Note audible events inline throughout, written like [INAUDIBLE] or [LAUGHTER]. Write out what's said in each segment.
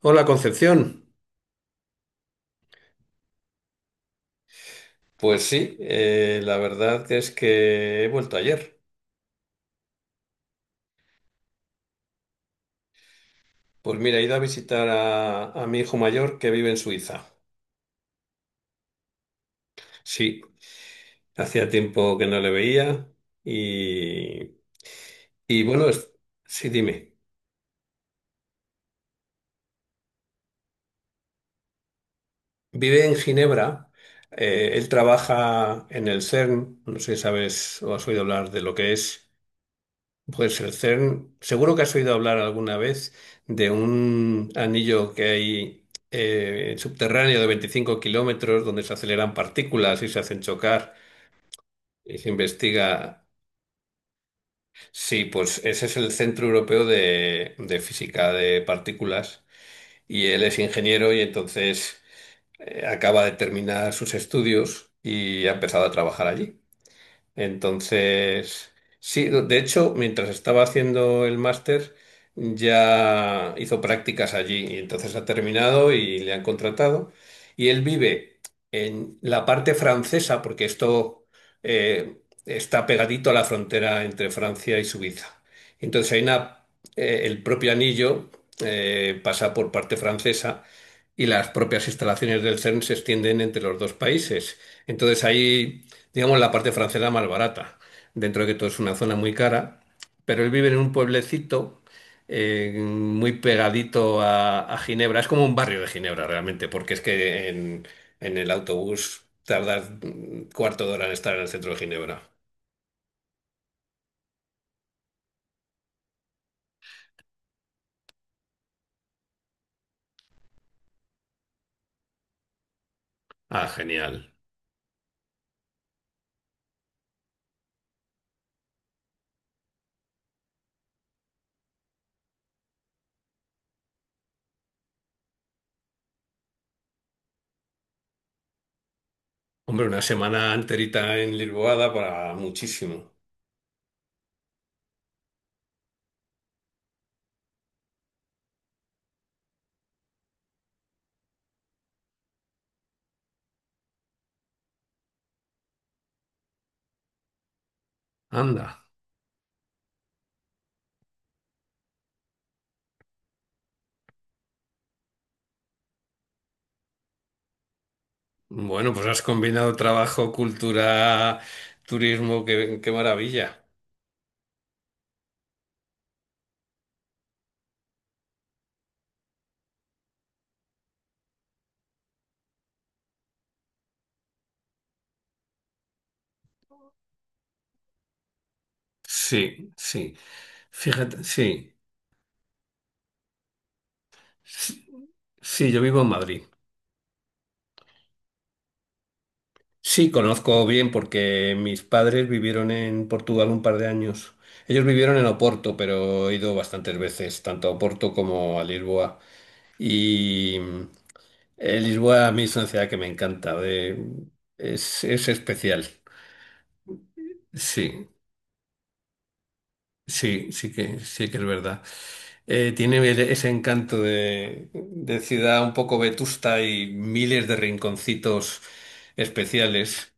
Hola Concepción. Pues sí, la verdad es que he vuelto ayer. Pues mira, he ido a visitar a mi hijo mayor que vive en Suiza. Sí, hacía tiempo que no le veía y, y bueno, sí, dime. Vive en Ginebra. Él trabaja en el CERN, no sé si sabes o has oído hablar de lo que es. Pues el CERN, seguro que has oído hablar alguna vez de un anillo que hay subterráneo de 25 kilómetros, donde se aceleran partículas y se hacen chocar y se investiga. Sí, pues ese es el Centro Europeo de Física de Partículas, y él es ingeniero. Y entonces acaba de terminar sus estudios y ha empezado a trabajar allí. Entonces, sí, de hecho, mientras estaba haciendo el máster, ya hizo prácticas allí, y entonces ha terminado y le han contratado. Y él vive en la parte francesa, porque esto eh, está pegadito a la frontera entre Francia y Suiza. Entonces hay una, el propio anillo pasa por parte francesa, y las propias instalaciones del CERN se extienden entre los dos países. Entonces ahí, digamos, la parte francesa más barata, dentro de que todo es una zona muy cara, pero él vive en un pueblecito muy pegadito a Ginebra. Es como un barrio de Ginebra realmente, porque es que en el autobús tardas un cuarto de hora en estar en el centro de Ginebra. Ah, genial. Hombre, una semana enterita en Lisboa para muchísimo. Anda. Bueno, pues has combinado trabajo, cultura, turismo, qué, qué maravilla. Sí, sí. Fíjate, sí. Sí, yo vivo en Madrid. Sí, conozco bien porque mis padres vivieron en Portugal un par de años. Ellos vivieron en Oporto, pero he ido bastantes veces, tanto a Oporto como a Lisboa. Y mm, Lisboa a mí es una ciudad que me encanta. Es especial. Sí, sí, sí que es verdad. Tiene ese encanto de ciudad un poco vetusta y miles de rinconcitos especiales.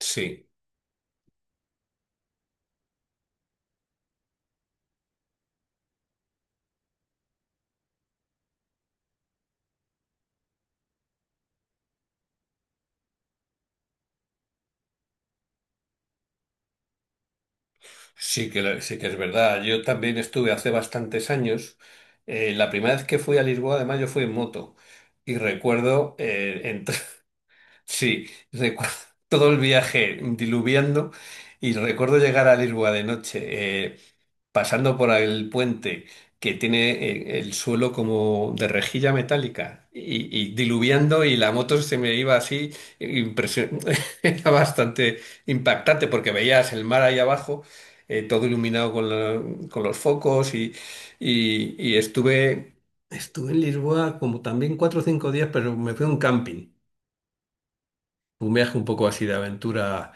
Sí. Sí que, sí que es verdad. Yo también estuve hace bastantes años. La primera vez que fui a Lisboa, además, yo fui en moto. Y recuerdo, [LAUGHS] sí, recuerdo todo el viaje diluviando, y recuerdo llegar a Lisboa de noche. Pasando por el puente que tiene el suelo como de rejilla metálica, y diluviando, y la moto se me iba así, impresión- [LAUGHS] era bastante impactante, porque veías el mar ahí abajo, todo iluminado con, con los focos, y estuve, estuve en Lisboa como también 4 o 5 días, pero me fui a un camping, un viaje un poco así de aventura.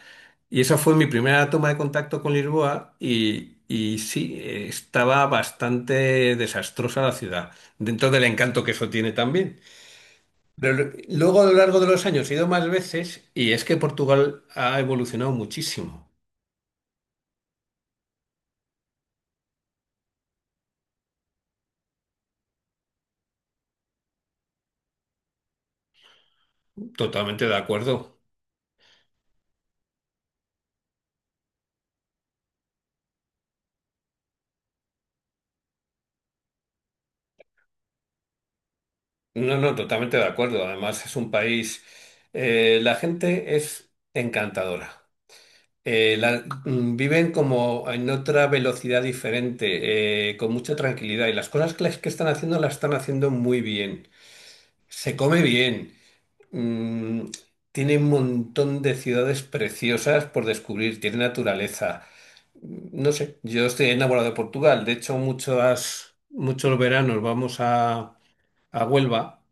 Y esa fue mi primera toma de contacto con Lisboa, y sí, estaba bastante desastrosa la ciudad, dentro del encanto que eso tiene también. Pero luego a lo largo de los años he ido más veces, y es que Portugal ha evolucionado muchísimo. Totalmente de acuerdo. No, no, totalmente de acuerdo. Además es un país, la gente es encantadora. Viven como en otra velocidad diferente, con mucha tranquilidad. Y las cosas que, que están haciendo, las están haciendo muy bien. Se come bien. Mm, Tiene un montón de ciudades preciosas por descubrir. Tiene naturaleza. No sé, yo estoy enamorado de Portugal. De hecho, muchos, muchos veranos vamos a Huelva,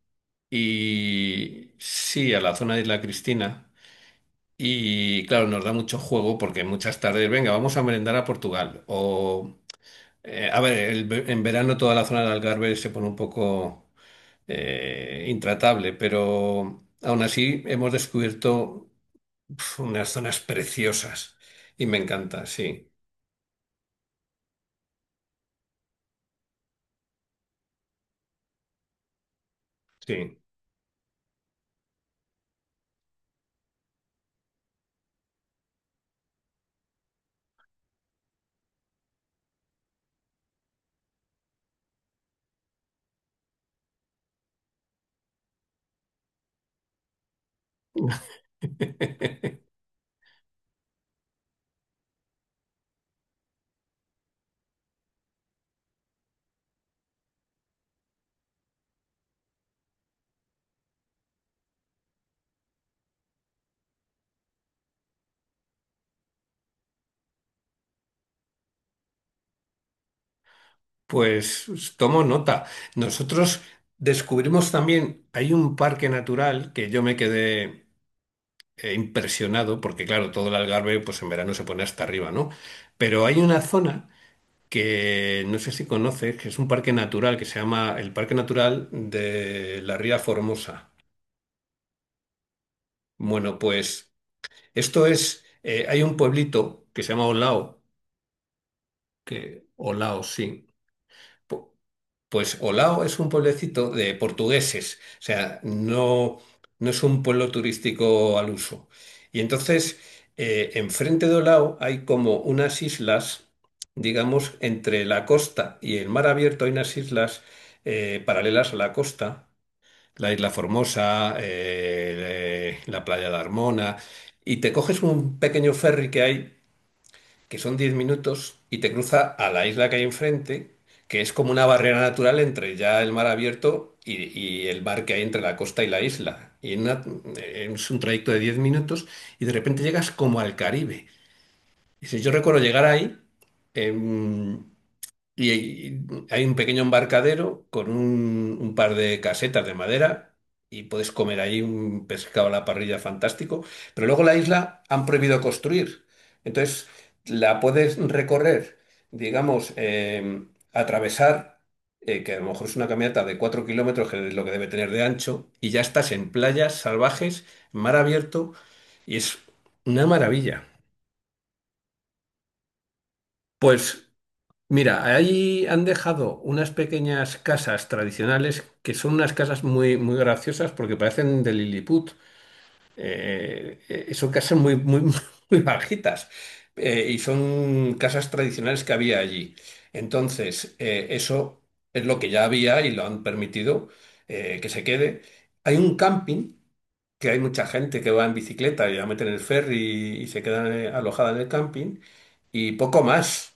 y sí, a la zona de Isla Cristina. Y claro, nos da mucho juego porque muchas tardes, venga, vamos a merendar a Portugal. A ver, en verano toda la zona del Algarve se pone un poco intratable, pero aún así hemos descubierto, pf, unas zonas preciosas, y me encanta, sí, sí. [LAUGHS] Pues tomo nota. Nosotros descubrimos también, hay un parque natural que yo me quedé impresionado, porque claro, todo el Algarve pues en verano se pone hasta arriba, ¿no? Pero hay una zona que no sé si conoces, que es un parque natural que se llama el Parque Natural de la Ría Formosa. Bueno, pues esto es, hay un pueblito que se llama Olao, que Olao, sí. Pues Olao es un pueblecito de portugueses, o sea, no, no es un pueblo turístico al uso. Y entonces, enfrente de Olao hay como unas islas, digamos, entre la costa y el mar abierto hay unas islas paralelas a la costa, la Isla Formosa, la Playa de Armona, y te coges un pequeño ferry que hay, que son 10 minutos, y te cruza a la isla que hay enfrente, que es como una barrera natural entre ya el mar abierto y el mar que hay entre la costa y la isla. Es un trayecto de 10 minutos, y de repente llegas como al Caribe. Y si yo recuerdo llegar ahí, em, y hay un pequeño embarcadero con un par de casetas de madera, y puedes comer ahí un pescado a la parrilla fantástico. Pero luego la isla han prohibido construir. Entonces la puedes recorrer, digamos, atravesar, que a lo mejor es una caminata de 4 kilómetros, que es lo que debe tener de ancho, y ya estás en playas salvajes, mar abierto, y es una maravilla. Pues mira, ahí han dejado unas pequeñas casas tradicionales, que son unas casas muy, muy graciosas porque parecen de Lilliput. Son casas muy, muy, [LAUGHS] muy bajitas, y son casas tradicionales que había allí. Entonces, eso es lo que ya había y lo han permitido, que se quede. Hay un camping, que hay mucha gente que va en bicicleta y la meten en el ferry y se quedan alojada en el camping, y poco más.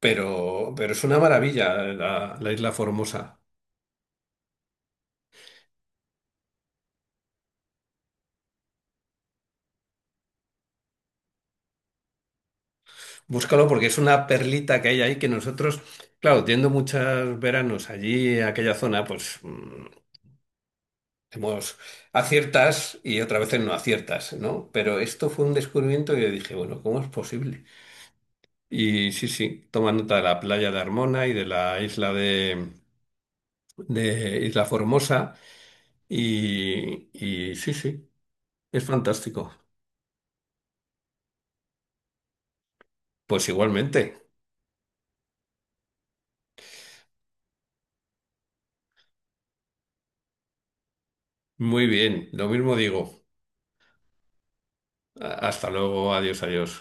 Pero es una maravilla la Isla Formosa. Búscalo porque es una perlita que hay ahí que nosotros, claro, yendo muchos veranos allí, a aquella zona, pues, hemos aciertas y otras veces no aciertas, ¿no? Pero esto fue un descubrimiento que yo dije, bueno, ¿cómo es posible? Y sí, sí, toma nota de la playa de Armona y de la isla de Isla Formosa, y sí, sí, es fantástico. Pues igualmente, muy bien, lo mismo digo. Hasta luego, adiós, adiós.